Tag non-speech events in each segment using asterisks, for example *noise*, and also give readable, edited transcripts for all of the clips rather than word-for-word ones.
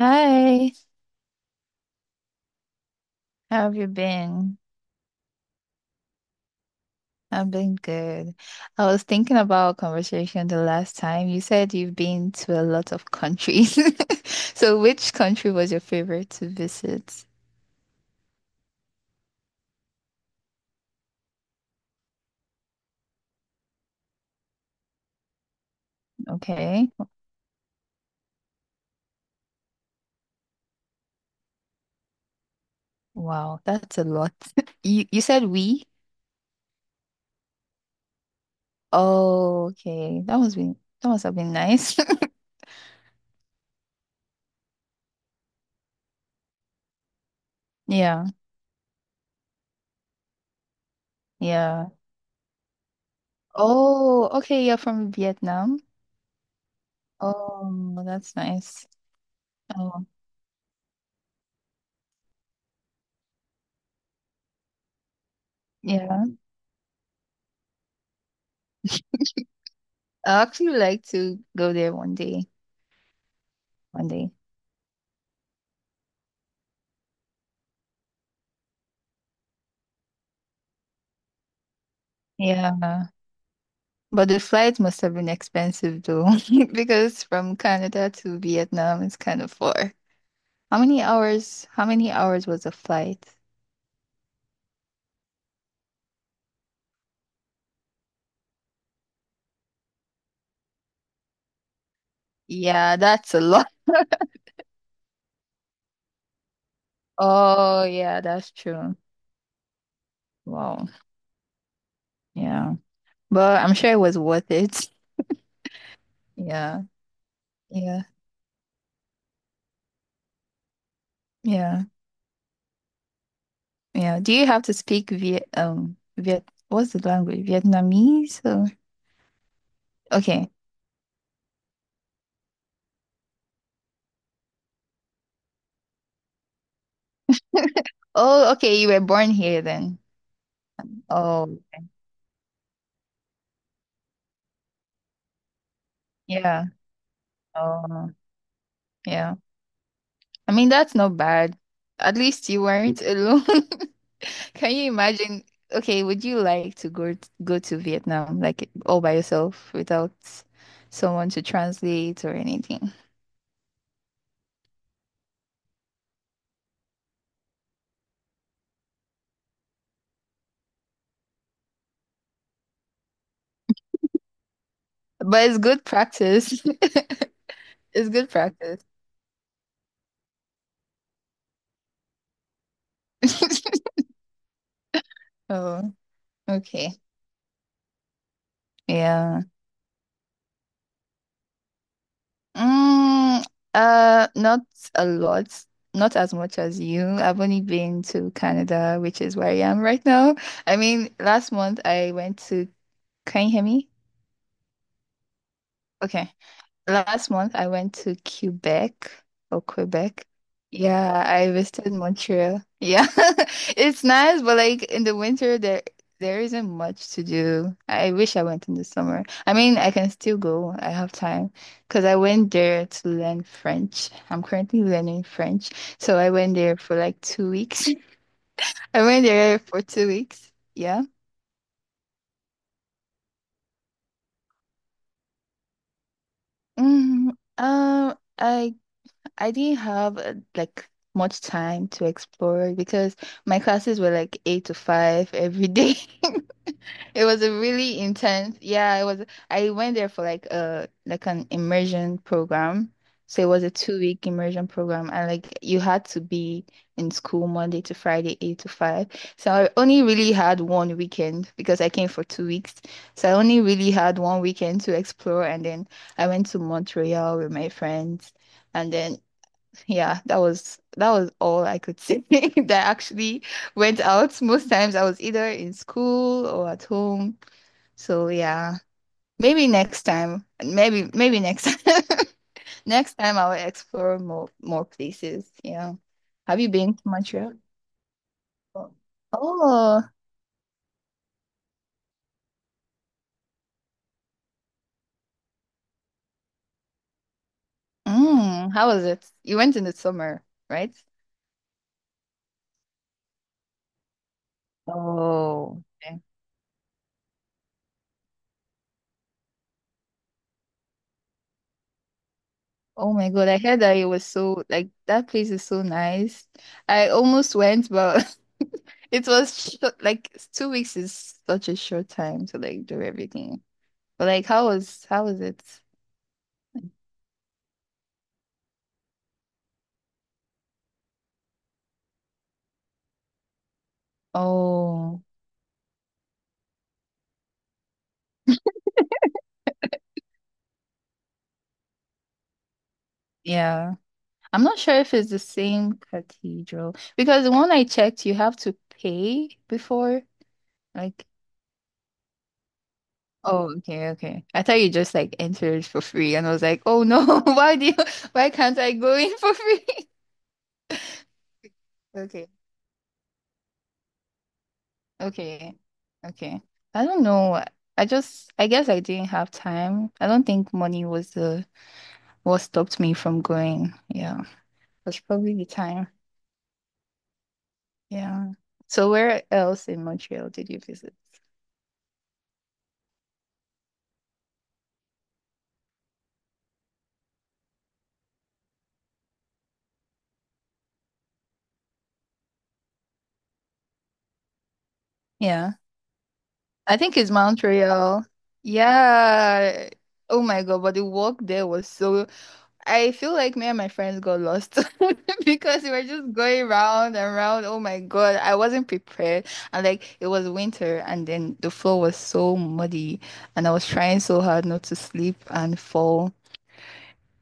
Hi, how have you been? I've been good. I was thinking about our conversation the last time. You said you've been to a lot of countries. *laughs* So, which country was your favorite to visit? Okay. Wow, that's a lot. *laughs* You said we? Oh, okay. That must have been nice. *laughs* Yeah, yeah. Oh, okay. You're from Vietnam. Oh, that's nice. Oh, yeah. I actually like to go there one day. One day. Yeah. But the flight must have been expensive though, *laughs* because from Canada to Vietnam is kind of far. How many hours? How many hours was the flight? Yeah, that's a lot. *laughs* Oh, yeah, that's true. Wow. Yeah. But I'm sure it was worth it. *laughs* Yeah. Yeah. Yeah. Yeah. Do you have to speak Viet, Viet, what's the language? Vietnamese? Or... Okay. Oh, okay, you were born here then. Oh, yeah. Oh, yeah. I mean, that's not bad. At least you weren't alone. *laughs* Can you imagine? Okay, would you like to go to Vietnam like all by yourself without someone to translate or anything? But it's good practice. *laughs* It's good practice. *laughs* Oh, okay. Yeah. Mm, not a lot. Not as much as you. I've only been to Canada, which is where I am right now. I mean, last month I went to, can you hear me? Okay. Last month I went to Quebec or Quebec. Yeah, I visited Montreal. Yeah. *laughs* It's nice, but like in the winter there isn't much to do. I wish I went in the summer. I mean, I can still go. I have time because I went there to learn French. I'm currently learning French. So I went there for like 2 weeks. *laughs* I went there for 2 weeks. Yeah. Mm, um, I I didn't have like much time to explore it because my classes were like eight to five every day. *laughs* It was a really intense. Yeah, it was. I went there for like an immersion program. So it was a 2 week immersion program, and like you had to be in school Monday to Friday, eight to five. So I only really had one weekend because I came for 2 weeks. So I only really had one weekend to explore, and then I went to Montreal with my friends. And then yeah, that was all I could say *laughs* that actually went out. Most times I was either in school or at home. So yeah, maybe next time. Maybe next *laughs* time. Next time I will explore more places. Yeah. Have you been to Montreal? Oh. Oh, mm, how was it? You went in the summer, right? Oh, okay. Oh my God, I heard that it was so like that place is so nice. I almost went, but *laughs* It was sh Like 2 weeks is such a short time to like do everything. But like, how was it? Oh, yeah. I'm not sure if it's the same cathedral because the one I checked, you have to pay before. Like, oh, okay, okay. I thought you just like entered for free, and I was like, oh no, *laughs* why can't I go in for free? *laughs* Okay, okay, okay. I don't know. I guess I didn't have time. I don't think money was the what stopped me from going. Yeah, was probably the time. Yeah. So where else in Montreal did you visit? Yeah, I think it's Montreal. Yeah. Oh my God, but the walk there was so. I feel like me and my friends got lost *laughs* because we were just going round and round. Oh my God, I wasn't prepared. And like it was winter, and then the floor was so muddy, and I was trying so hard not to sleep and fall.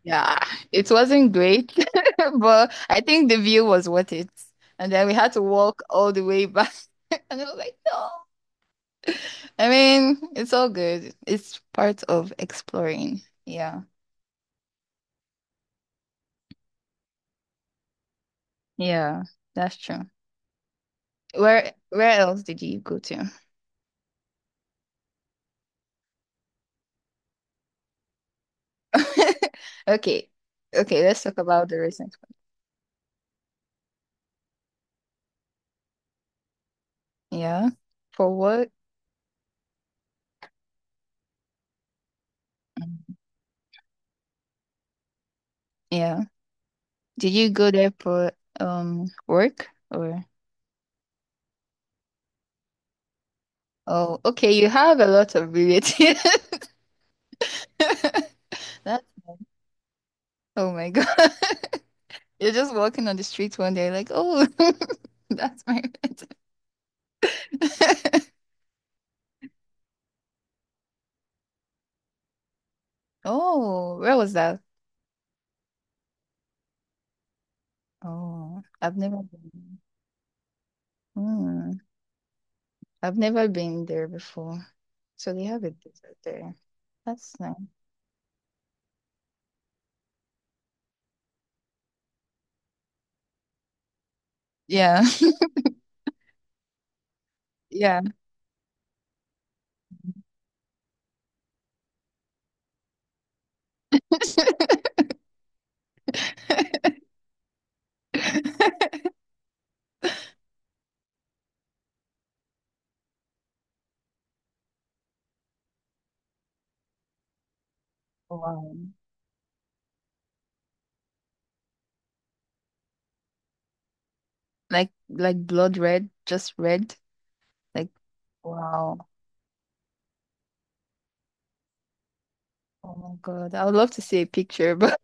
Yeah, it wasn't great, *laughs* but I think the view was worth it. And then we had to walk all the way back, *laughs* and I was like, no. I mean, it's all good. It's part of exploring. Yeah, yeah, that's true. Where else did you go to? *laughs* Okay, okay, let's talk about the recent one. Yeah, for work. Yeah, did you go there for work or? Oh, okay, you have a lot of relatives. *laughs* That's nice. Oh my God. *laughs* You're just walking on the street one day, like, oh, *laughs* that's my pet. *laughs* Oh, where was that? Oh, I've never been. Hmm, I've never been there before. So they have a desert there. That's nice. Yeah. *laughs* Yeah. *laughs* Wow. Like blood red, just red. Like wow. Oh my God. I would love to see a picture, but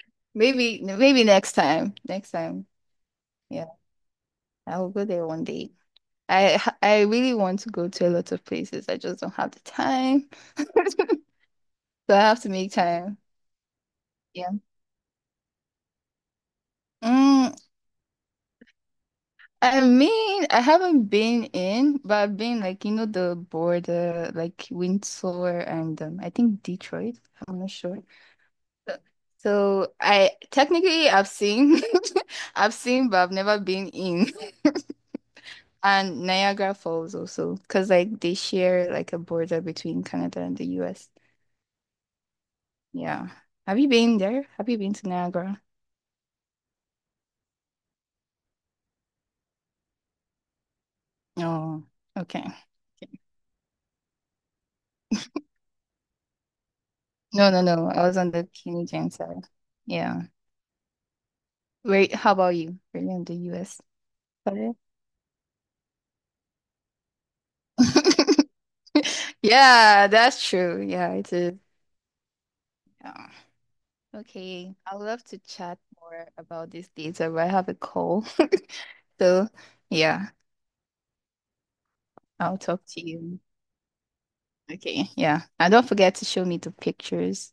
*laughs* maybe next time. Next time. Yeah. I will go there one day. I really want to go to a lot of places. I just don't have the time. So I have to make time. Yeah. Mm, I mean, I haven't been in, but I've been like, you know, the border, like Windsor and I think Detroit. I'm not sure. So, so I technically I've seen, *laughs* I've seen, but I've never been in. *laughs* And Niagara Falls also, because like they share like a border between Canada and the US. Yeah. Have you been there? Have you been to Niagara? Oh, okay. Okay. No, no, no. I was on the Canadian side. Yeah. Wait, how about you? Were you on the US side? *laughs* Yeah, that's true. Yeah, it is. Yeah. Okay. I'd love to chat more about this later, but I have a call. *laughs* So, yeah, I'll talk to you. Okay. Yeah. And don't forget to show me the pictures.